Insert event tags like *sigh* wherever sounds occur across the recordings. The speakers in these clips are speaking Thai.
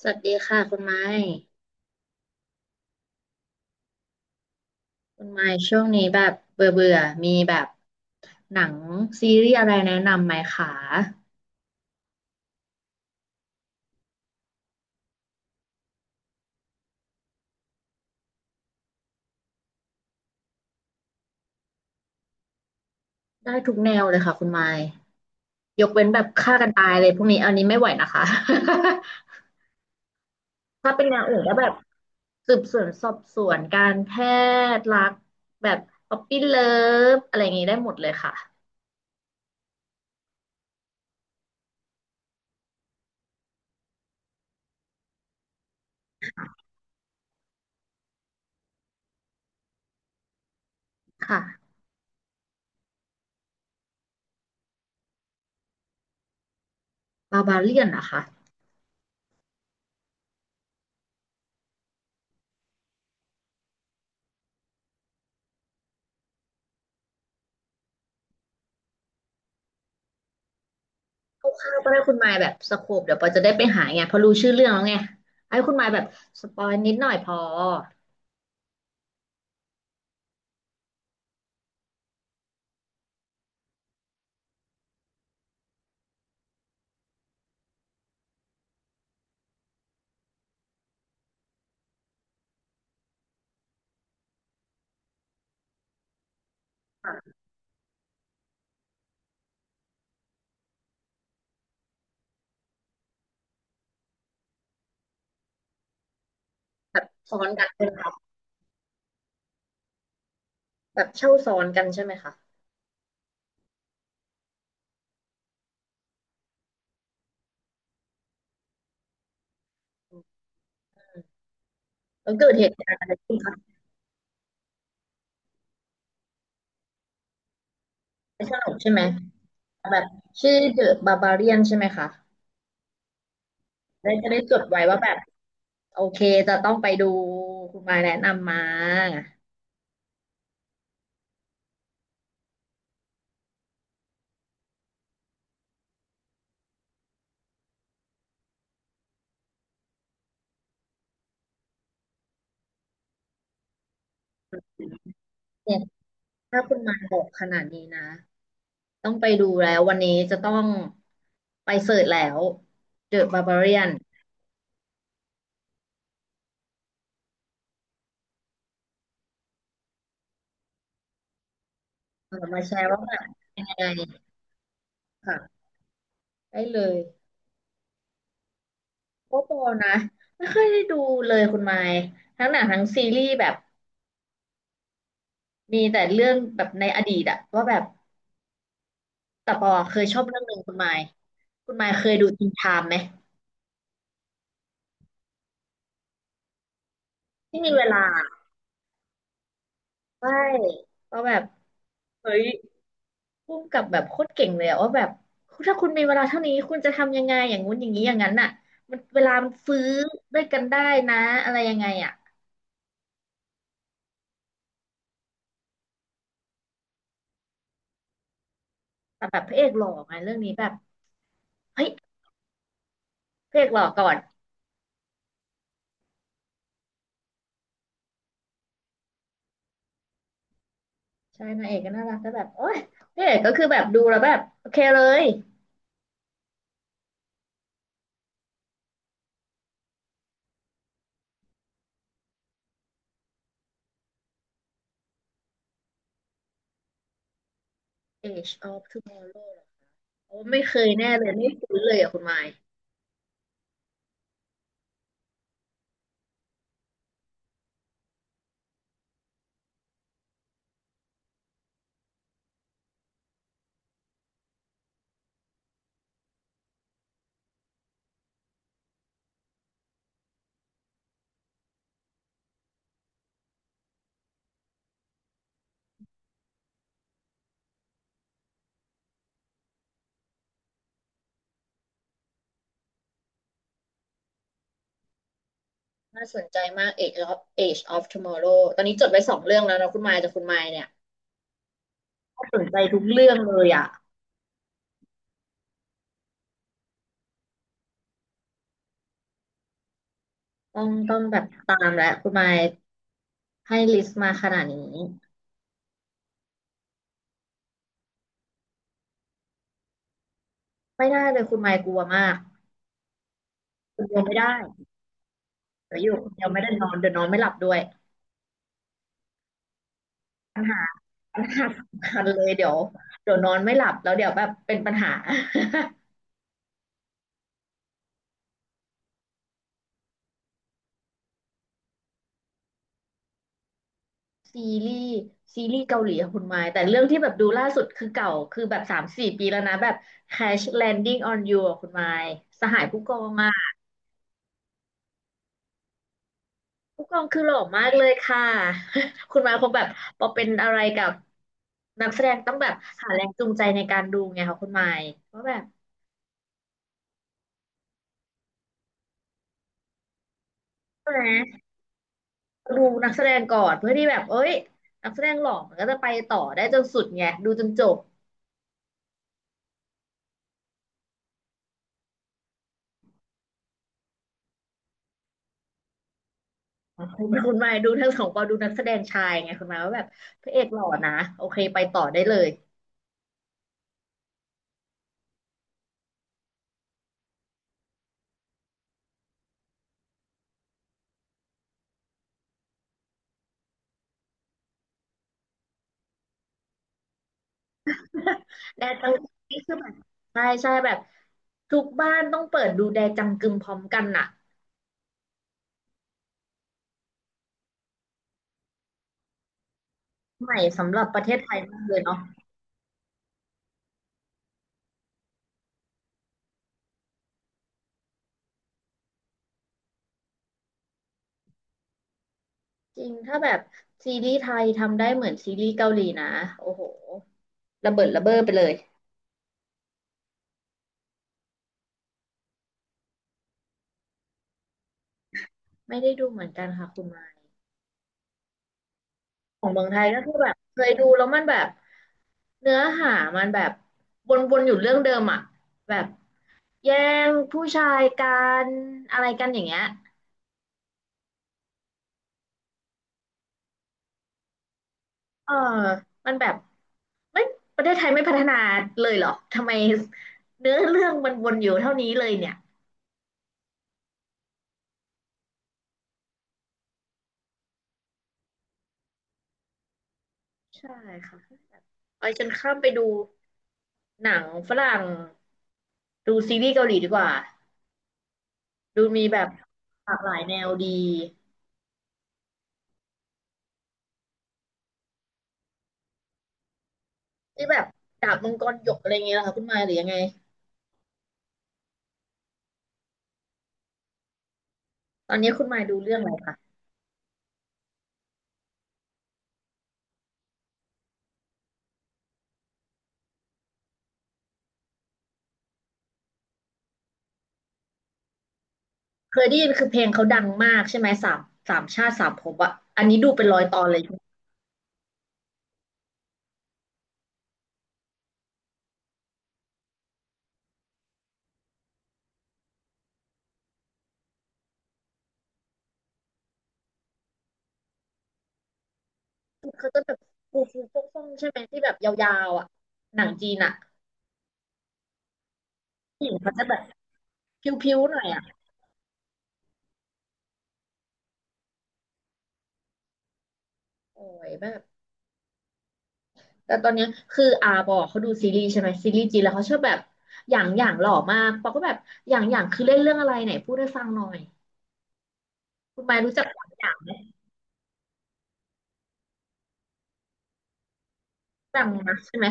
สวัสดีค่ะคุณไม้คุณไม้ช่วงนี้แบบเบื่อเบื่อมีแบบหนังซีรีส์อะไรแนะนำไหมคะได้ทุกแนวเลยค่ะคุณไม้ยกเว้นแบบฆ่ากันตายเลยพวกนี้อันนี้ไม่ไหวนะคะ *laughs* ถ้าเป็นแนวอื่นก็แบบสืบสวนสอบสวนการแพทย์รักแบบป๊อปปี้เลิฟอะไรอย่างนี้ได้หมดเลยค่ะค่ะบาบาเลียนนะคะ คร่าวๆก็ได้คุณมายแบบสโคปเดี๋ยวปอจะได้ไปหาไงเพอรู้ชื่อเรื่องแล้วไงให้คุณมายแบบสปอยนิดหน่อยพอค่ะแบบซ้อนกันเป็นแบบแบบเช่าซ้อนกันใช่ไหมคะแล้วเกิดเหตุการณ์อะไรขึ้นคะไม่สนุกใช่ไหมแบบชื่อเดอะบาบาเรียนใช่ไหมคะได้จะได้จดไว้ว่าแบบโอเคจะต้องไปดูคุณมายแนะนำมาเนี่ยถ้าคุณมายบอกขนาดนี้นะต้องไปดูแล้ววันนี้จะต้องไปเสิร์ชแล้ว The Barbarian เดอะบาบาเรียนมาแชร์ว่า ไงค่ะได้เลยโอ้โปนะไม่ค่อยได้ดูเลยคุณไมค์ทั้งหนังทั้งซีรีส์แบบมีแต่เรื่องแบบในอดีตอะว่าแบบแต่ปอเคยชอบเรื่องหนึ่งคุณไมค์คุณไมค์เคยดูจรินไทม์ไหมที่มีเวลาใช่ก็แบบเฮ้ยพุ่งกับแบบโคตรเก่งเลยอะว่าแบบถ้าคุณมีเวลาเท่านี้คุณจะทำยังไงอย่างงู้นอย่างนี้อย่างนั้นอะมันเวลามันฟื้อด้วยกันได้นะอะไรยังไงอะแต่แบบพระเอกหล่อไงเรื่องนี้แบบเฮ้ยพระเอกหล่อก่อน ใช่นางเอกก็น่ารักแต่แบบโอ๊ยนางเอกก็คือแบบดูแล้วแบบโอเคเลย Age of Tomorrow อโอ้ไม่เคยแน่เลยไม่คุ้นเลยอ่ะคุณไมค์น่าสนใจมาก Age of Age of Tomorrow ตอนนี้จดไว้สองเรื่องแล้วนะคุณไมค์แต่คุณไมค์เนี่ยก็สนใจทุกเรื่องเลยอ่ะต้องแบบตามแล้วคุณไมค์ให้ลิสต์มาขนาดนี้ไม่ได้เลยคุณไมค์กลัวมากคนเดียวไม่ได้เดี๋ยวอยู่คนเดียวไม่ได้นอนเดี๋ยวนอนไม่หลับด้วยปัญหาปัญหาสำคัญเลยเดี๋ยวนอนไม่หลับแล้วเดี๋ยวแบบเป็นปัญหา ซีรีส์ซีรีส์เกาหลีอะคุณไม้แต่เรื่องที่แบบดูล่าสุดคือเก่าคือแบบสามสี่ปีแล้วนะแบบ Crash Landing on You อะคุณไม้สหายผู้กองอะผู้กองคือหล่อมากเลยค่ะ *laughs* คุณไม้คงแบบพอเป็นอะไรกับนักแสดงต้องแบบหาแรงจูงใจในการดูไงค่ะคุณไม้เพราะแบบใช่ไหมดูนักแสดงก่อนเพื่อที่แบบเอ้ยนักแสดงหล่อมันก็จะไปต่อได้จนสุดไงดูจนจบ อ๋อคุณมายดูทั้งสองปอดูนักแสดงชายไงคุณมายว่าแบบพระเอกหล่อนะโอเคไปต่อได้เลย *laughs* แดจังใช่ใช่แบบทุกบ้านต้องเปิดดูแดจังกึมพร้อมกันน่ะใหม่สำหรับประเทศไทยมากเลยเนาะจริงถ้าแบบซีรีส์ไทยทำได้เหมือนซีรีส์เกาหลีนะโอ้โหระเบิดระเบ้อไปเลยไม่ได้ดูเหมือนกันค่ะคุณมายของเมืองไทยก็คือแบบเคยดูแล้วมันแบบเนื้อหามันแบบวนๆอยู่เรื่องเดิมอ่ะแบบ แย่งผู้ชายกันอะไรกันอย่างเงี้ยเออมันแบบไม่ประเทศไทยไม่พัฒนาเลยเหรอทำไมเนื้อเรื่องมันวนอยู่เท่านี้เลยเนี่ยใช่ค่ะไปฉันข้ามไปดูหนังฝรั่งดูซีรีส์เกาหลีดีกว่าดูมีแบบหลากหลายแนวดีที่แบบดาบมังกรหยกอะไรเงี้ยเหรอคะคุณมายหรือยังไงตอนนี้คุณมายดูเรื่องอะไรคะเคยได้ยินคือเพลงเขาดังมากใช่ไหมสามสามชาติสามภพอะอันนี้ดูเป็นร้อยตอนเลย เขาจะแบบฟูฟูฟ่องฟ่องใช่ไหมที่แบบยาวๆอ่ะหนังจีนอ่ะผู้หญิงเขาจะแบบพิ้วๆหน่อยอ่ะโอ้ยแบบแต่ตอนเนี้ยคืออาบอกเขาดูซีรีส์ใช่ไหมซีรีส์จีนแล้วเขาชอบแบบอย่างอย่างหล่อมากปอก็แบบอย่างอย่างคือเล่นเรื่องอะไรไหนพูดให้ฟังหน่อยคุณไมายรู้จักอย่างอย่างไหมดังนะใช่ไหม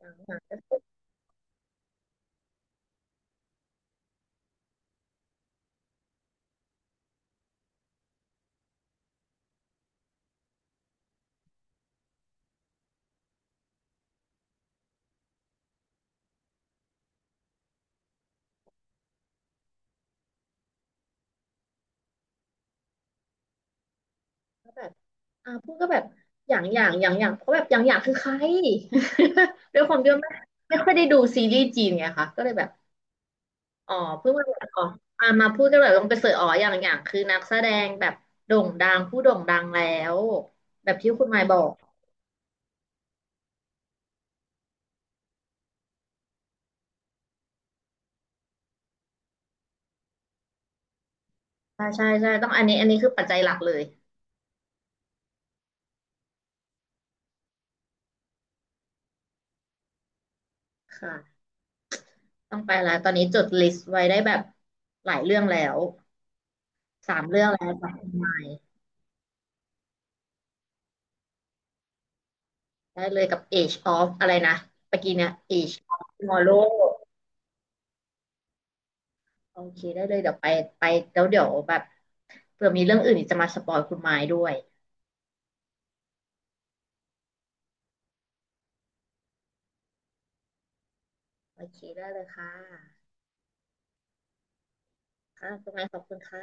อย่างอย่างก็แบบอาพูดก็แบบอย่างอย่างอย่างอย่างเพราะแบบอย่างอย่างคือใคร *laughs* ด้วยความที่ว่าไม่ค่อยได้ดูซีรีส์จีนไงคะก็เลยแบบ อ๋อเพิ่งมาอ๋ออ่ามาพูดกันแบบลงไปเสิร์ชอ๋ออย่างอย่างคือนักแสดงแบบโด่งดังผู้โด่งดังแล้วแบบที่คุณหมายบอกใช่ใช่ใช่ต้องอันนี้คือปัจจัยหลักเลยค่ะต้องไปแล้วตอนนี้จดลิสต์ไว้ได้แบบหลายเรื่องแล้วสามเรื่องแล้วจากคุณหมายได้เลยกับ Age of อะไรนะเมื่อกี้เนี่ย Age of Tomorrow โอเคได้เลยเดี๋ยวไปไปแล้วเดี๋ยวแบบเผื่อมีเรื่องอื่นอีกจะมาสปอยคุณหมายด้วยโอเคได้เลยค่ะค่ะคุณหมายขอบคุณค่ะ